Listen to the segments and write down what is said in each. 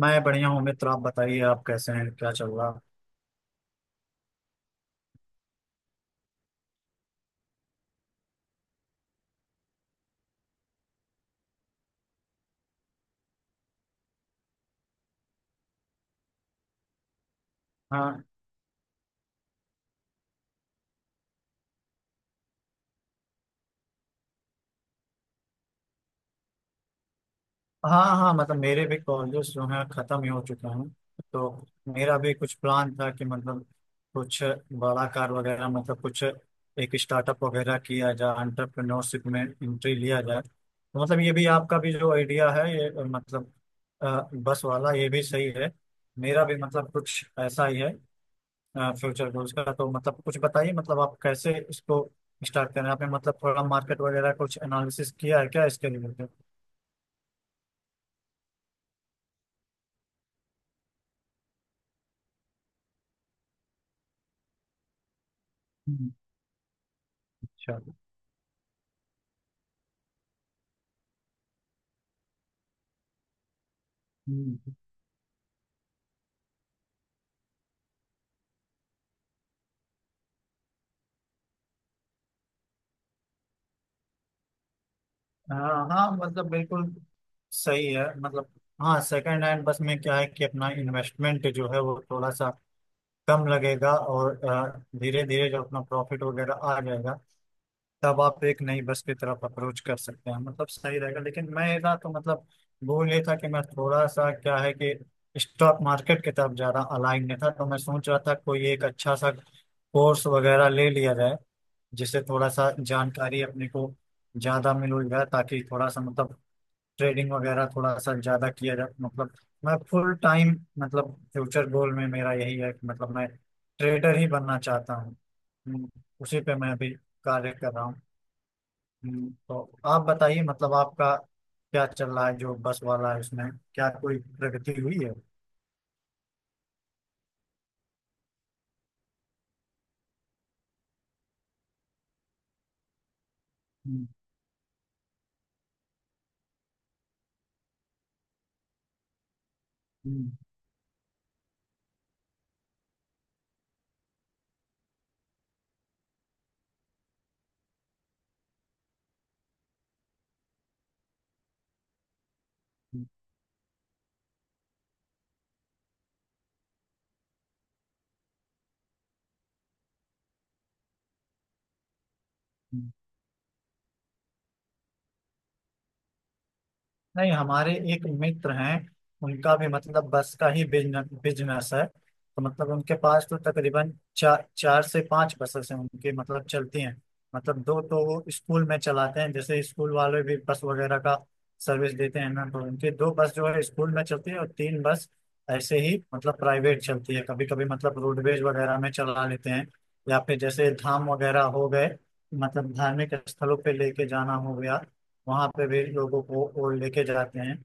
मैं बढ़िया हूँ मित्र। आप बताइए आप कैसे हैं क्या चल रहा। हाँ हाँ हाँ मतलब मेरे भी कॉलेज जो हैं खत्म ही हो चुके हैं। तो मेरा भी कुछ प्लान था कि मतलब कुछ बड़ा कार वगैरह मतलब कुछ एक स्टार्टअप वगैरह किया जाए, एंटरप्रेन्योरशिप में एंट्री लिया जाए। तो मतलब ये भी आपका भी जो आइडिया है ये मतलब बस वाला ये भी सही है। मेरा भी मतलब कुछ ऐसा ही है। फ्यूचर गोल्स का तो मतलब कुछ बताइए मतलब आप कैसे इसको स्टार्ट कर रहे हैं। आपने मतलब थोड़ा मार्केट वगैरह कुछ एनालिसिस किया है क्या इसके रिलेटेड। हम्म, अच्छा। हम्म, हाँ हाँ मतलब बिल्कुल। सही है मतलब। हाँ सेकंड हैंड बस में क्या है कि अपना इन्वेस्टमेंट जो है वो थोड़ा सा कम लगेगा और धीरे धीरे जो अपना प्रॉफिट वगैरह आ जाएगा, तब आप एक नई बस की तरफ अप्रोच कर सकते हैं। मतलब सही रहेगा, लेकिन मैं ना तो मतलब भूल ये था कि मैं थोड़ा सा क्या है कि स्टॉक मार्केट की तरफ ज्यादा अलाइन नहीं था। तो मैं सोच रहा था कोई एक अच्छा सा कोर्स वगैरह ले लिया जाए, जिससे थोड़ा सा जानकारी अपने को ज्यादा मिल जाए, ताकि थोड़ा सा मतलब ट्रेडिंग वगैरह थोड़ा सा ज्यादा किया जाए। मतलब मैं फुल टाइम मतलब फ्यूचर गोल में मेरा यही है कि मतलब मैं ट्रेडर ही बनना चाहता हूँ। हम्म, उसी पे मैं अभी कार्य कर रहा हूँ। तो आप बताइए मतलब आपका क्या चल रहा है। जो बस वाला है उसमें क्या कोई प्रगति हुई है। हम्म, हम्म, हम्म, हम्म। नहीं, हमारे एक मित्र हैं, उनका भी मतलब बस का ही बिजनेस बिजनेस है, तो मतलब उनके पास तो तकरीबन चार, चार से पांच बसेस हैं उनकी मतलब चलती हैं। मतलब दो तो वो स्कूल में चलाते हैं, जैसे स्कूल वाले भी बस वगैरह का सर्विस देते हैं ना, तो उनके दो बस जो है स्कूल में चलती है और तीन बस ऐसे ही मतलब प्राइवेट चलती है, कभी कभी मतलब रोडवेज वगैरह में चला लेते हैं। या फिर जैसे धाम वगैरह हो गए, मतलब धार्मिक स्थलों पे लेके जाना हो गया, वहाँ पे भी लोगों को वो लेके जाते हैं।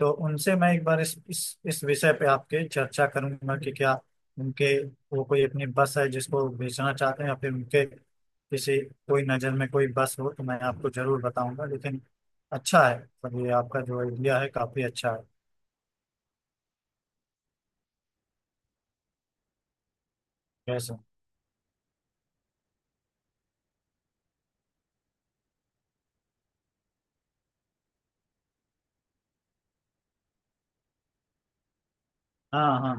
तो उनसे मैं एक बार इस विषय पे आपके चर्चा करूंगा कि क्या उनके वो कोई अपनी बस है जिसको बेचना चाहते हैं, या फिर उनके किसी कोई नज़र में कोई बस हो तो मैं आपको जरूर बताऊंगा, लेकिन अच्छा है सब। ये आपका जो आइडिया है काफी अच्छा है। कैसे। हाँ हाँ।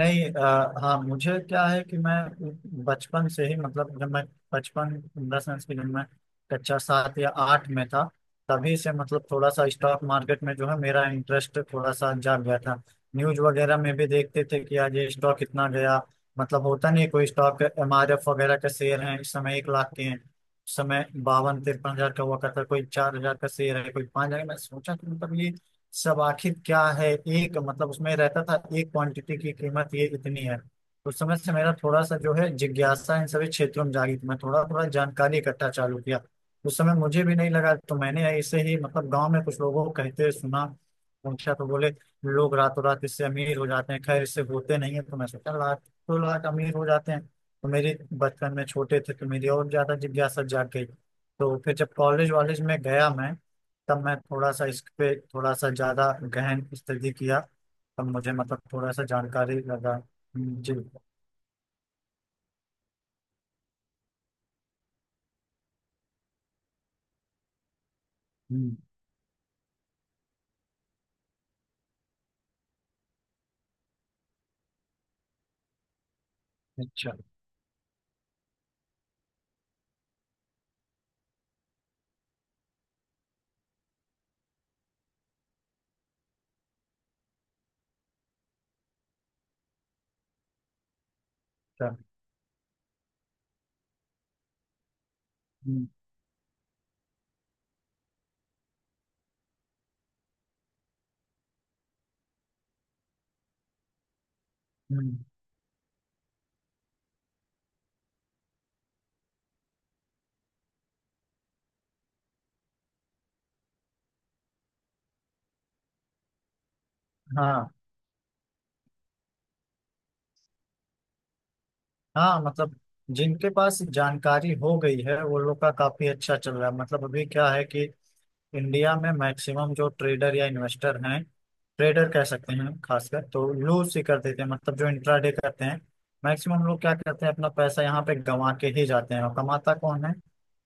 नहीं हाँ मुझे क्या है कि मैं बचपन से ही मतलब जब मैं बचपन इन द सेंस कि जब मैं कक्षा सात या आठ में था, तभी से मतलब थोड़ा सा स्टॉक मार्केट में जो है मेरा इंटरेस्ट थोड़ा सा जाग गया था। न्यूज वगैरह में भी देखते थे कि आज ये स्टॉक कितना गया, मतलब होता नहीं है, कोई स्टॉक एम आर एफ वगैरह के शेयर हैं, इस समय 1 लाख के हैं, इस समय 52-53 हजार का हुआ करता है, कोई 4 हजार का शेयर है, कोई 5 हजार। मैं सोचा कि मतलब ये सब आखिर क्या है। एक मतलब उसमें रहता था एक क्वांटिटी की कीमत ये इतनी है। उस समय से मेरा थोड़ा सा जो है जिज्ञासा इन सभी क्षेत्रों में जागी, तो मैं थोड़ा थोड़ा जानकारी इकट्ठा चालू किया। उस समय मुझे भी नहीं लगा, तो मैंने ऐसे ही मतलब गांव में कुछ लोगों को कहते सुना, पूछा तो बोले लोग रातों रात इससे अमीर हो जाते हैं। खैर, इससे होते नहीं है, तो मैं सोचा लाख तो लाख अमीर हो जाते हैं। तो मेरे बचपन में छोटे थे तो मेरी और ज्यादा जिज्ञासा जाग गई। तो फिर जब कॉलेज वॉलेज में गया मैं, तब मैं थोड़ा सा इस पे थोड़ा सा ज्यादा गहन स्टडी किया। तब मुझे मतलब थोड़ा सा जानकारी लगा। जी। हम्म, अच्छा अच्छा। हम्म, हम्म, हाँ हाँ मतलब जिनके पास जानकारी हो गई है वो लोग का काफी अच्छा चल रहा है। मतलब अभी क्या है कि इंडिया में मैक्सिमम जो ट्रेडर या इन्वेस्टर हैं, ट्रेडर कह सकते हैं हम खासकर, तो लूज ही कर देते हैं। मतलब जो इंट्राडे करते हैं, मैक्सिमम लोग क्या करते हैं, अपना पैसा यहाँ पे गंवा के ही जाते हैं, और कमाता कौन है।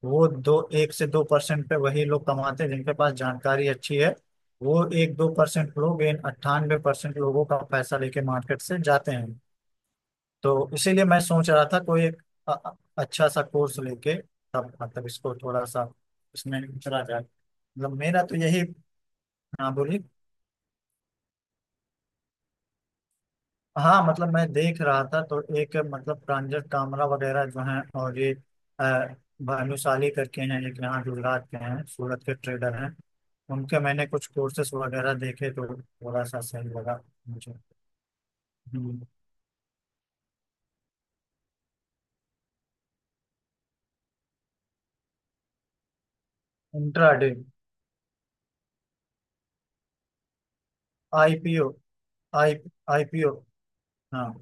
वो दो, एक से दो परसेंट पे वही लोग कमाते हैं जिनके पास जानकारी अच्छी है। वो एक दो परसेंट लोग इन 98% परसेंट लोगों का पैसा लेके मार्केट से जाते हैं। तो इसीलिए मैं सोच रहा था कोई एक अ- अ- अच्छा सा कोर्स लेके तब मतलब इसको थोड़ा सा इसमें उतरा जाए। मतलब मेरा तो यही। हाँ बोलिए। हाँ मतलब मैं देख रहा था तो एक मतलब प्रांजल कामरा वगैरह जो हैं और ये अ, भानुशाली करके हैं, एक यहाँ गुजरात के हैं, सूरत के ट्रेडर हैं। उनके मैंने कुछ कोर्सेस वगैरह देखे तो थोड़ा सा सही लगा मुझे। इंट्राडे। आईपीओ। I IPO. हाँ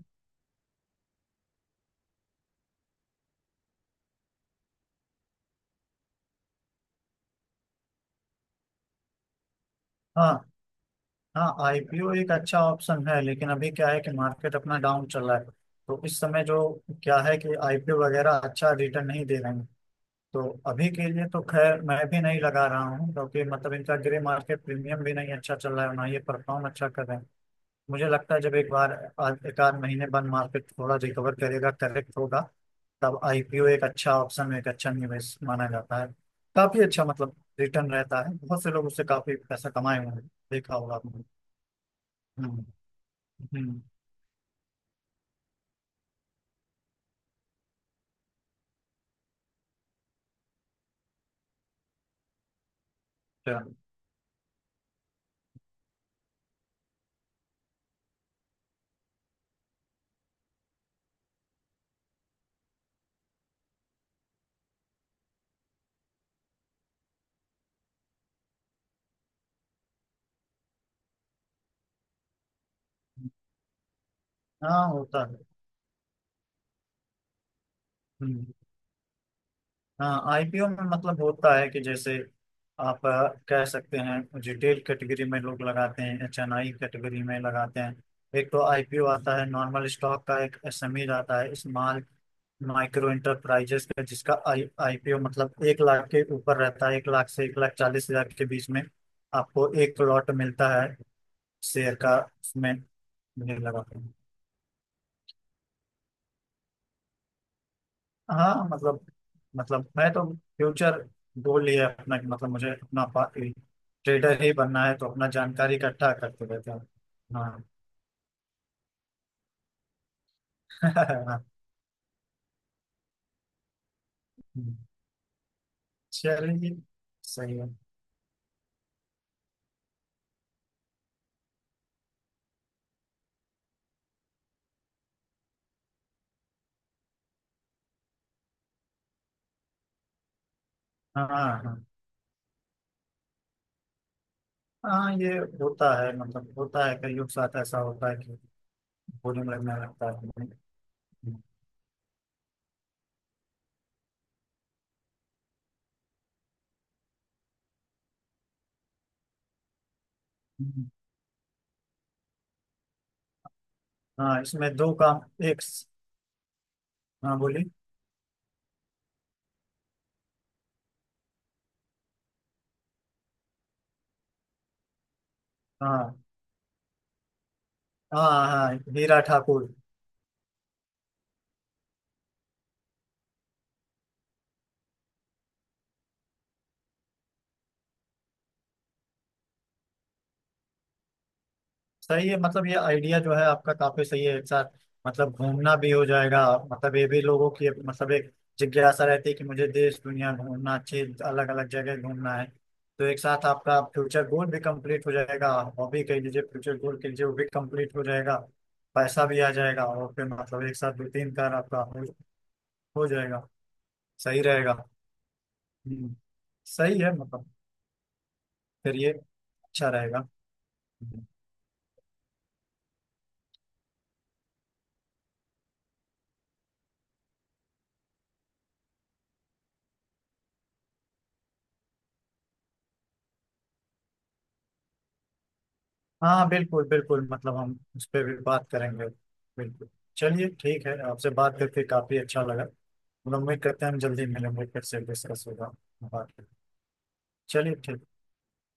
हाँ हाँ। आईपीओ एक अच्छा ऑप्शन है, लेकिन अभी क्या है कि मार्केट अपना डाउन चल रहा है, तो इस समय जो क्या है कि आईपीओ वगैरह अच्छा रिटर्न नहीं दे रहे हैं। तो अभी के लिए तो खैर मैं भी नहीं लगा रहा हूँ, क्योंकि मतलब इनका ग्रे मार्केट प्रीमियम भी नहीं अच्छा चल रहा है ना, ये परफॉर्म अच्छा कर रहे हैं। मुझे लगता है जब एक बार एक आध महीने बाद मार्केट थोड़ा रिकवर करेगा, करेक्ट होगा, तब आईपीओ एक अच्छा ऑप्शन, एक अच्छा निवेश माना जाता है। काफी अच्छा मतलब रिटर्न रहता है, बहुत से लोग उससे काफी पैसा कमाए हुए हैं, देखा होगा आपने। हम्म हम्म, अच्छा। हाँ होता है। हम्म। हाँ आईपीओ में मतलब होता है कि जैसे आप कह सकते हैं, रिटेल कैटेगरी में लोग लगाते हैं, एचएनआई कैटेगरी में लगाते हैं। एक तो आईपीओ आता है नॉर्मल स्टॉक का, एक एसएमई आता है स्मॉल माइक्रो इंटरप्राइजेस का, जिसका आई आईपीओ मतलब 1 लाख के ऊपर रहता है, 1 लाख से 1 लाख 40 हजार के बीच में। आपको एक लॉट मिलता है शेयर का, उसमें। मुझे लगा। हाँ मतलब मैं तो फ्यूचर गोल ही है अपना कि मतलब मुझे अपना ट्रेडर ही बनना है, तो अपना जानकारी इकट्ठा करते रहते हैं। हाँ चलिए, सही है। हाँ हाँ हाँ ये होता है, मतलब होता है कईयों के साथ ऐसा होता है कि बोरिंग लगने लगता है। हम्म। हाँ इसमें दो काम, एक। हाँ बोली। हाँ हाँ हाँ, हीरा ठाकुर। सही है, मतलब ये आइडिया जो है आपका काफी सही है। एक साथ मतलब घूमना भी हो जाएगा। मतलब ये भी लोगों की मतलब एक जिज्ञासा रहती है कि मुझे देश दुनिया घूमना, अच्छी अलग अलग जगह घूमना है। तो एक साथ आपका फ्यूचर गोल भी कंप्लीट हो जाएगा। हॉबी कह लीजिए, फ्यूचर गोल कह लीजिए, वो भी कंप्लीट हो जाएगा। पैसा भी आ जाएगा, और फिर मतलब एक साथ दो तीन कार आपका हो जाएगा। सही रहेगा। हम्म, सही है मतलब फिर ये अच्छा रहेगा। हाँ बिल्कुल बिल्कुल, मतलब हम उस पर भी बात करेंगे। बिल्कुल। चलिए ठीक है, आपसे बात करके काफी अच्छा लगा। मतलब उम्मीद करते हैं हम जल्दी मिलेंगे, फिर से डिस्कस होगा। बात करें। चलिए ठीक।